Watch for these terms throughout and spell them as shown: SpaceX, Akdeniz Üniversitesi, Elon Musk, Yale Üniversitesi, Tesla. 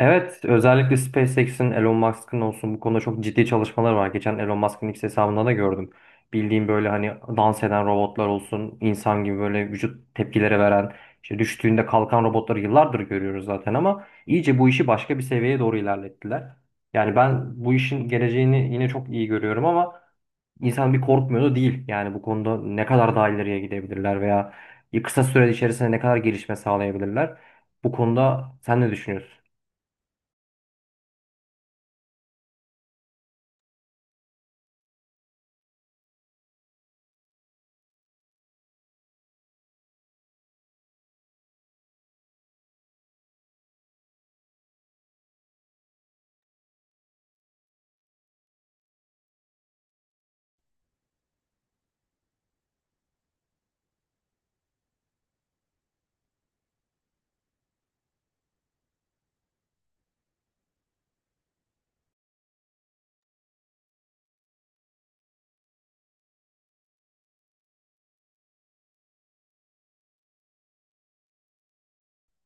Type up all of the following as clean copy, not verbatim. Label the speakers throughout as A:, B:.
A: Evet, özellikle SpaceX'in, Elon Musk'ın olsun bu konuda çok ciddi çalışmalar var. Geçen Elon Musk'ın X hesabında da gördüm. Bildiğim böyle hani dans eden robotlar olsun, insan gibi böyle vücut tepkileri veren, işte düştüğünde kalkan robotları yıllardır görüyoruz zaten ama iyice bu işi başka bir seviyeye doğru ilerlettiler. Yani ben bu işin geleceğini yine çok iyi görüyorum ama insan bir korkmuyor da değil. Yani bu konuda ne kadar daha ileriye gidebilirler veya kısa süre içerisinde ne kadar gelişme sağlayabilirler. Bu konuda sen ne düşünüyorsun?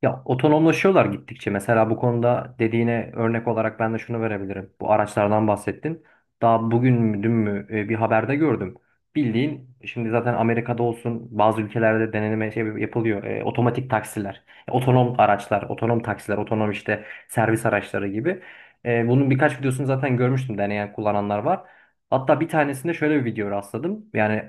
A: Ya otonomlaşıyorlar gittikçe. Mesela bu konuda dediğine örnek olarak ben de şunu verebilirim. Bu araçlardan bahsettin. Daha bugün mü dün mü bir haberde gördüm. Bildiğin şimdi zaten Amerika'da olsun bazı ülkelerde deneneme şey yapılıyor. Otomatik taksiler, otonom araçlar, otonom taksiler, otonom işte servis araçları gibi. Bunun birkaç videosunu zaten görmüştüm, deneyen kullananlar var. Hatta bir tanesinde şöyle bir video rastladım. Yani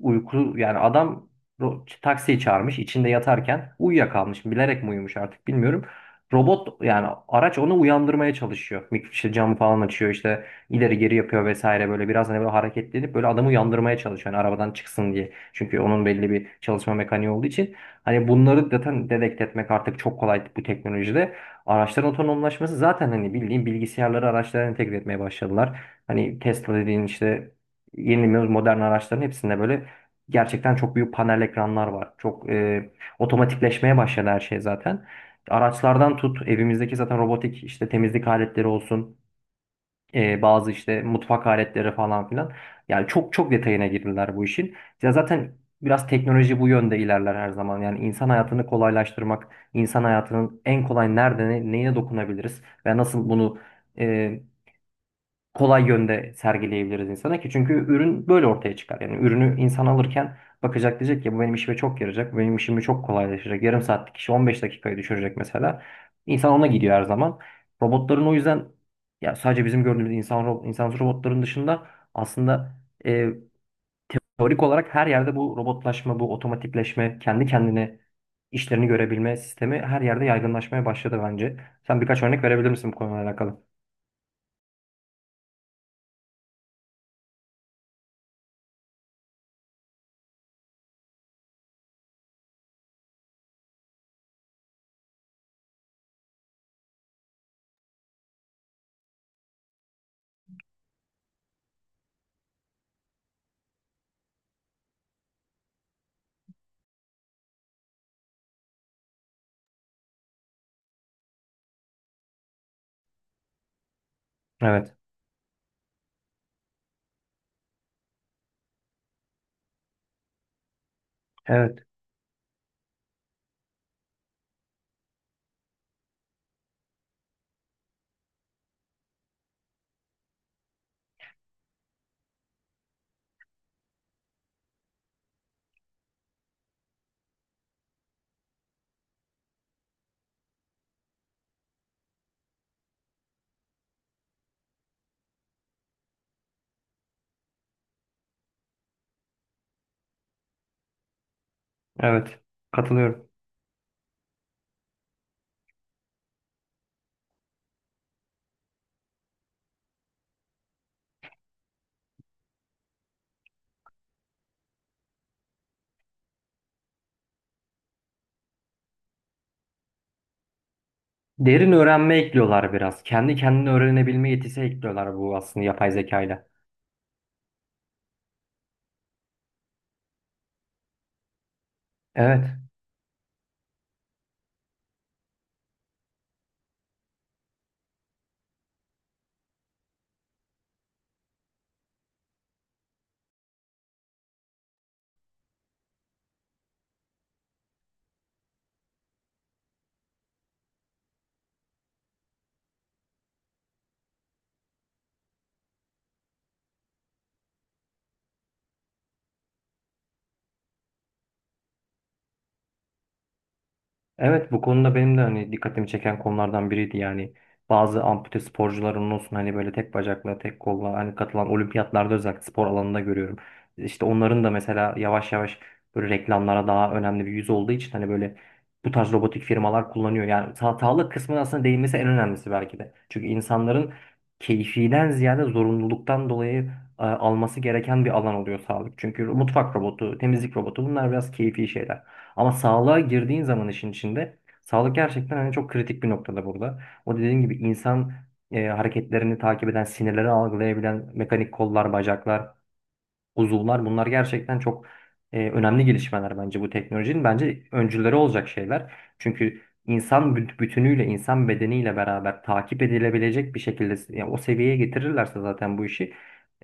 A: uyku yani adam taksiyi çağırmış, içinde yatarken uyuyakalmış, bilerek mi uyumuş artık bilmiyorum. Robot yani araç onu uyandırmaya çalışıyor. İşte camı falan açıyor, işte ileri geri yapıyor vesaire, böyle biraz hani böyle hareketlenip böyle adamı uyandırmaya çalışıyor. Yani arabadan çıksın diye. Çünkü onun belli bir çalışma mekaniği olduğu için hani bunları zaten dedekt etmek artık çok kolay bu teknolojide. Araçların otonomlaşması zaten hani bildiğin bilgisayarları araçlara entegre etmeye başladılar. Hani Tesla dediğin işte yeni modern araçların hepsinde böyle gerçekten çok büyük panel ekranlar var. Çok otomatikleşmeye başladı her şey zaten. Araçlardan tut, evimizdeki zaten robotik işte temizlik aletleri olsun, bazı işte mutfak aletleri falan filan. Yani çok detayına girdiler bu işin. Ya zaten biraz teknoloji bu yönde ilerler her zaman. Yani insan hayatını kolaylaştırmak, insan hayatının en kolay nerede neye dokunabiliriz ve nasıl bunu e, kolay yönde sergileyebiliriz insana ki, çünkü ürün böyle ortaya çıkar. Yani ürünü insan alırken bakacak diyecek ki bu benim işime çok yarayacak, bu benim işimi çok kolaylaştıracak. Yarım saatlik işi 15 dakikaya düşürecek mesela. İnsan ona gidiyor her zaman. Robotların o yüzden ya sadece bizim gördüğümüz insan insansız robotların dışında aslında e, teorik olarak her yerde bu robotlaşma, bu otomatikleşme, kendi kendine işlerini görebilme sistemi her yerde yaygınlaşmaya başladı bence. Sen birkaç örnek verebilir misin bu konuyla alakalı? Evet. Evet. Evet, katılıyorum. Derin öğrenme ekliyorlar biraz. Kendi kendine öğrenebilme yetisi ekliyorlar, bu aslında yapay zekayla. Evet. Evet, bu konuda benim de hani dikkatimi çeken konulardan biriydi. Yani bazı ampute sporcuların olsun, hani böyle tek bacakla tek kolla hani katılan olimpiyatlarda, özellikle spor alanında görüyorum. İşte onların da mesela yavaş yavaş böyle reklamlara daha önemli bir yüz olduğu için hani böyle bu tarz robotik firmalar kullanıyor. Yani sa sağlık kısmına aslında değinmesi en önemlisi belki de. Çünkü insanların keyfiden ziyade zorunluluktan dolayı alması gereken bir alan oluyor sağlık. Çünkü mutfak robotu, temizlik robotu bunlar biraz keyfi şeyler. Ama sağlığa girdiğin zaman işin içinde sağlık gerçekten hani çok kritik bir noktada burada. O dediğim gibi insan hareketlerini takip eden, sinirleri algılayabilen mekanik kollar, bacaklar, uzuvlar, bunlar gerçekten çok önemli gelişmeler bence bu teknolojinin. Bence öncüleri olacak şeyler. Çünkü insan bütünüyle, insan bedeniyle beraber takip edilebilecek bir şekilde, yani o seviyeye getirirlerse zaten bu işi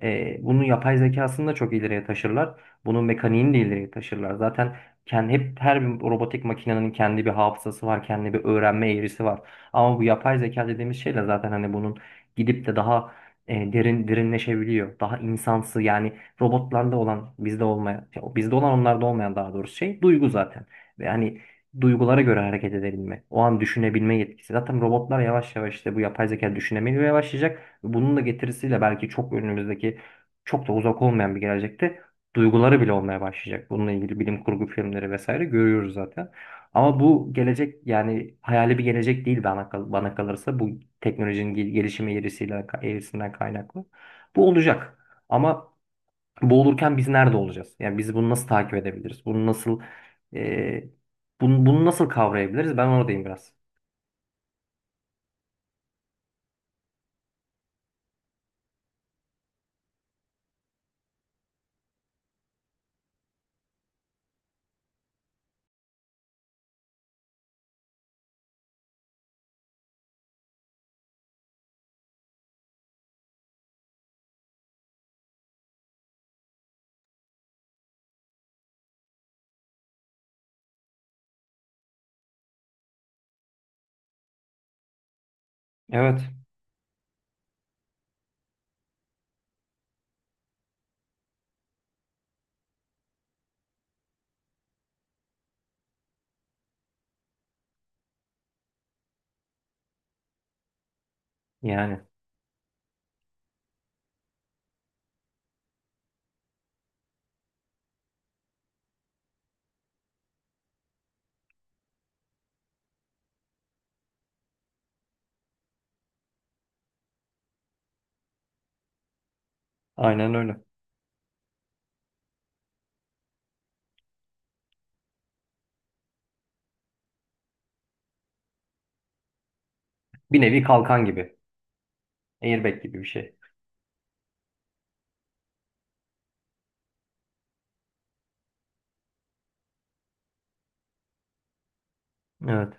A: bunun yapay zekasını da çok ileriye taşırlar. Bunun mekaniğini de ileriye taşırlar. Zaten kendi, hep her bir robotik makinenin kendi bir hafızası var, kendi bir öğrenme eğrisi var. Ama bu yapay zeka dediğimiz şeyle zaten hani bunun gidip de daha derin derinleşebiliyor. Daha insansı yani robotlarda olan bizde olmayan ya bizde olan onlarda olmayan, daha doğrusu şey, duygu zaten. Ve hani duygulara göre hareket edebilme, o an düşünebilme yetkisi. Zaten robotlar yavaş yavaş işte bu yapay zeka düşünemeye başlayacak. Bunun da getirisiyle belki çok önümüzdeki, çok da uzak olmayan bir gelecekte duyguları bile olmaya başlayacak. Bununla ilgili bilim kurgu filmleri vesaire görüyoruz zaten. Ama bu gelecek yani hayali bir gelecek değil bana, bana kalırsa bu teknolojinin gelişimi eğrisiyle, eğrisinden kaynaklı. Bu olacak. Ama boğulurken biz nerede olacağız? Yani biz bunu nasıl takip edebiliriz? Bunu nasıl e, bunu nasıl kavrayabiliriz? Ben oradayım biraz. Evet. Yani aynen öyle. Bir nevi kalkan gibi. Airbag gibi bir şey. Evet.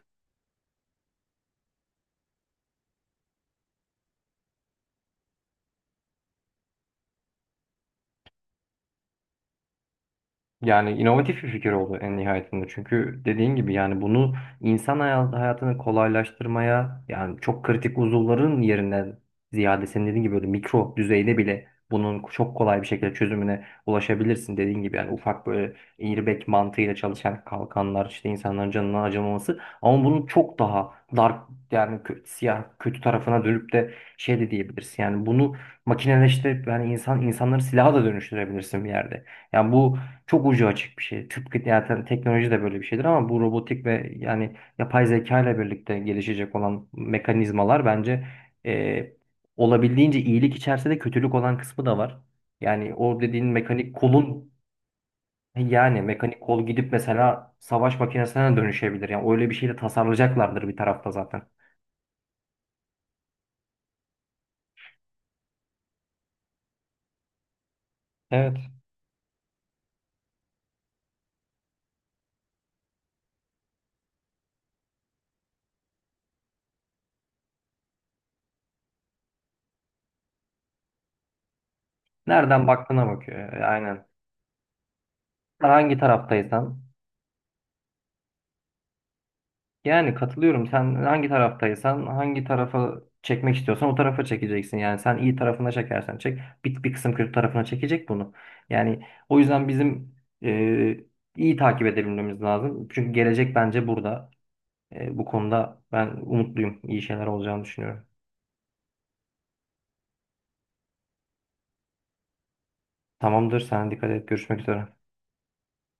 A: Yani inovatif bir fikir oldu en nihayetinde. Çünkü dediğin gibi yani bunu insan hayatını kolaylaştırmaya, yani çok kritik uzuvların yerinden ziyade senin dediğin gibi böyle mikro düzeyde bile bunun çok kolay bir şekilde çözümüne ulaşabilirsin. Dediğin gibi yani ufak böyle airbag mantığıyla çalışan kalkanlar işte insanların canına acımaması, ama bunun çok daha dark yani siyah kötü tarafına dönüp de şey de diyebilirsin. Yani bunu makineleştirip yani insanları silaha da dönüştürebilirsin bir yerde. Yani bu çok ucu açık bir şey. Tıpkı zaten teknoloji de böyle bir şeydir, ama bu robotik ve yani yapay zeka ile birlikte gelişecek olan mekanizmalar bence e, olabildiğince iyilik içerse de kötülük olan kısmı da var. Yani o dediğin mekanik kolun, yani mekanik kol gidip mesela savaş makinesine dönüşebilir. Yani öyle bir şeyle tasarlayacaklardır bir tarafta zaten. Evet. Nereden baktığına bakıyor. Aynen. Hangi taraftaysan, yani katılıyorum. Sen hangi taraftaysan, hangi tarafa çekmek istiyorsan o tarafa çekeceksin. Yani sen iyi tarafına çekersen çek, bir kısım kötü tarafına çekecek bunu. Yani o yüzden bizim e, iyi takip edebilmemiz lazım. Çünkü gelecek bence burada. Bu konuda ben umutluyum. İyi şeyler olacağını düşünüyorum. Tamamdır. Sen dikkat et. Görüşmek üzere.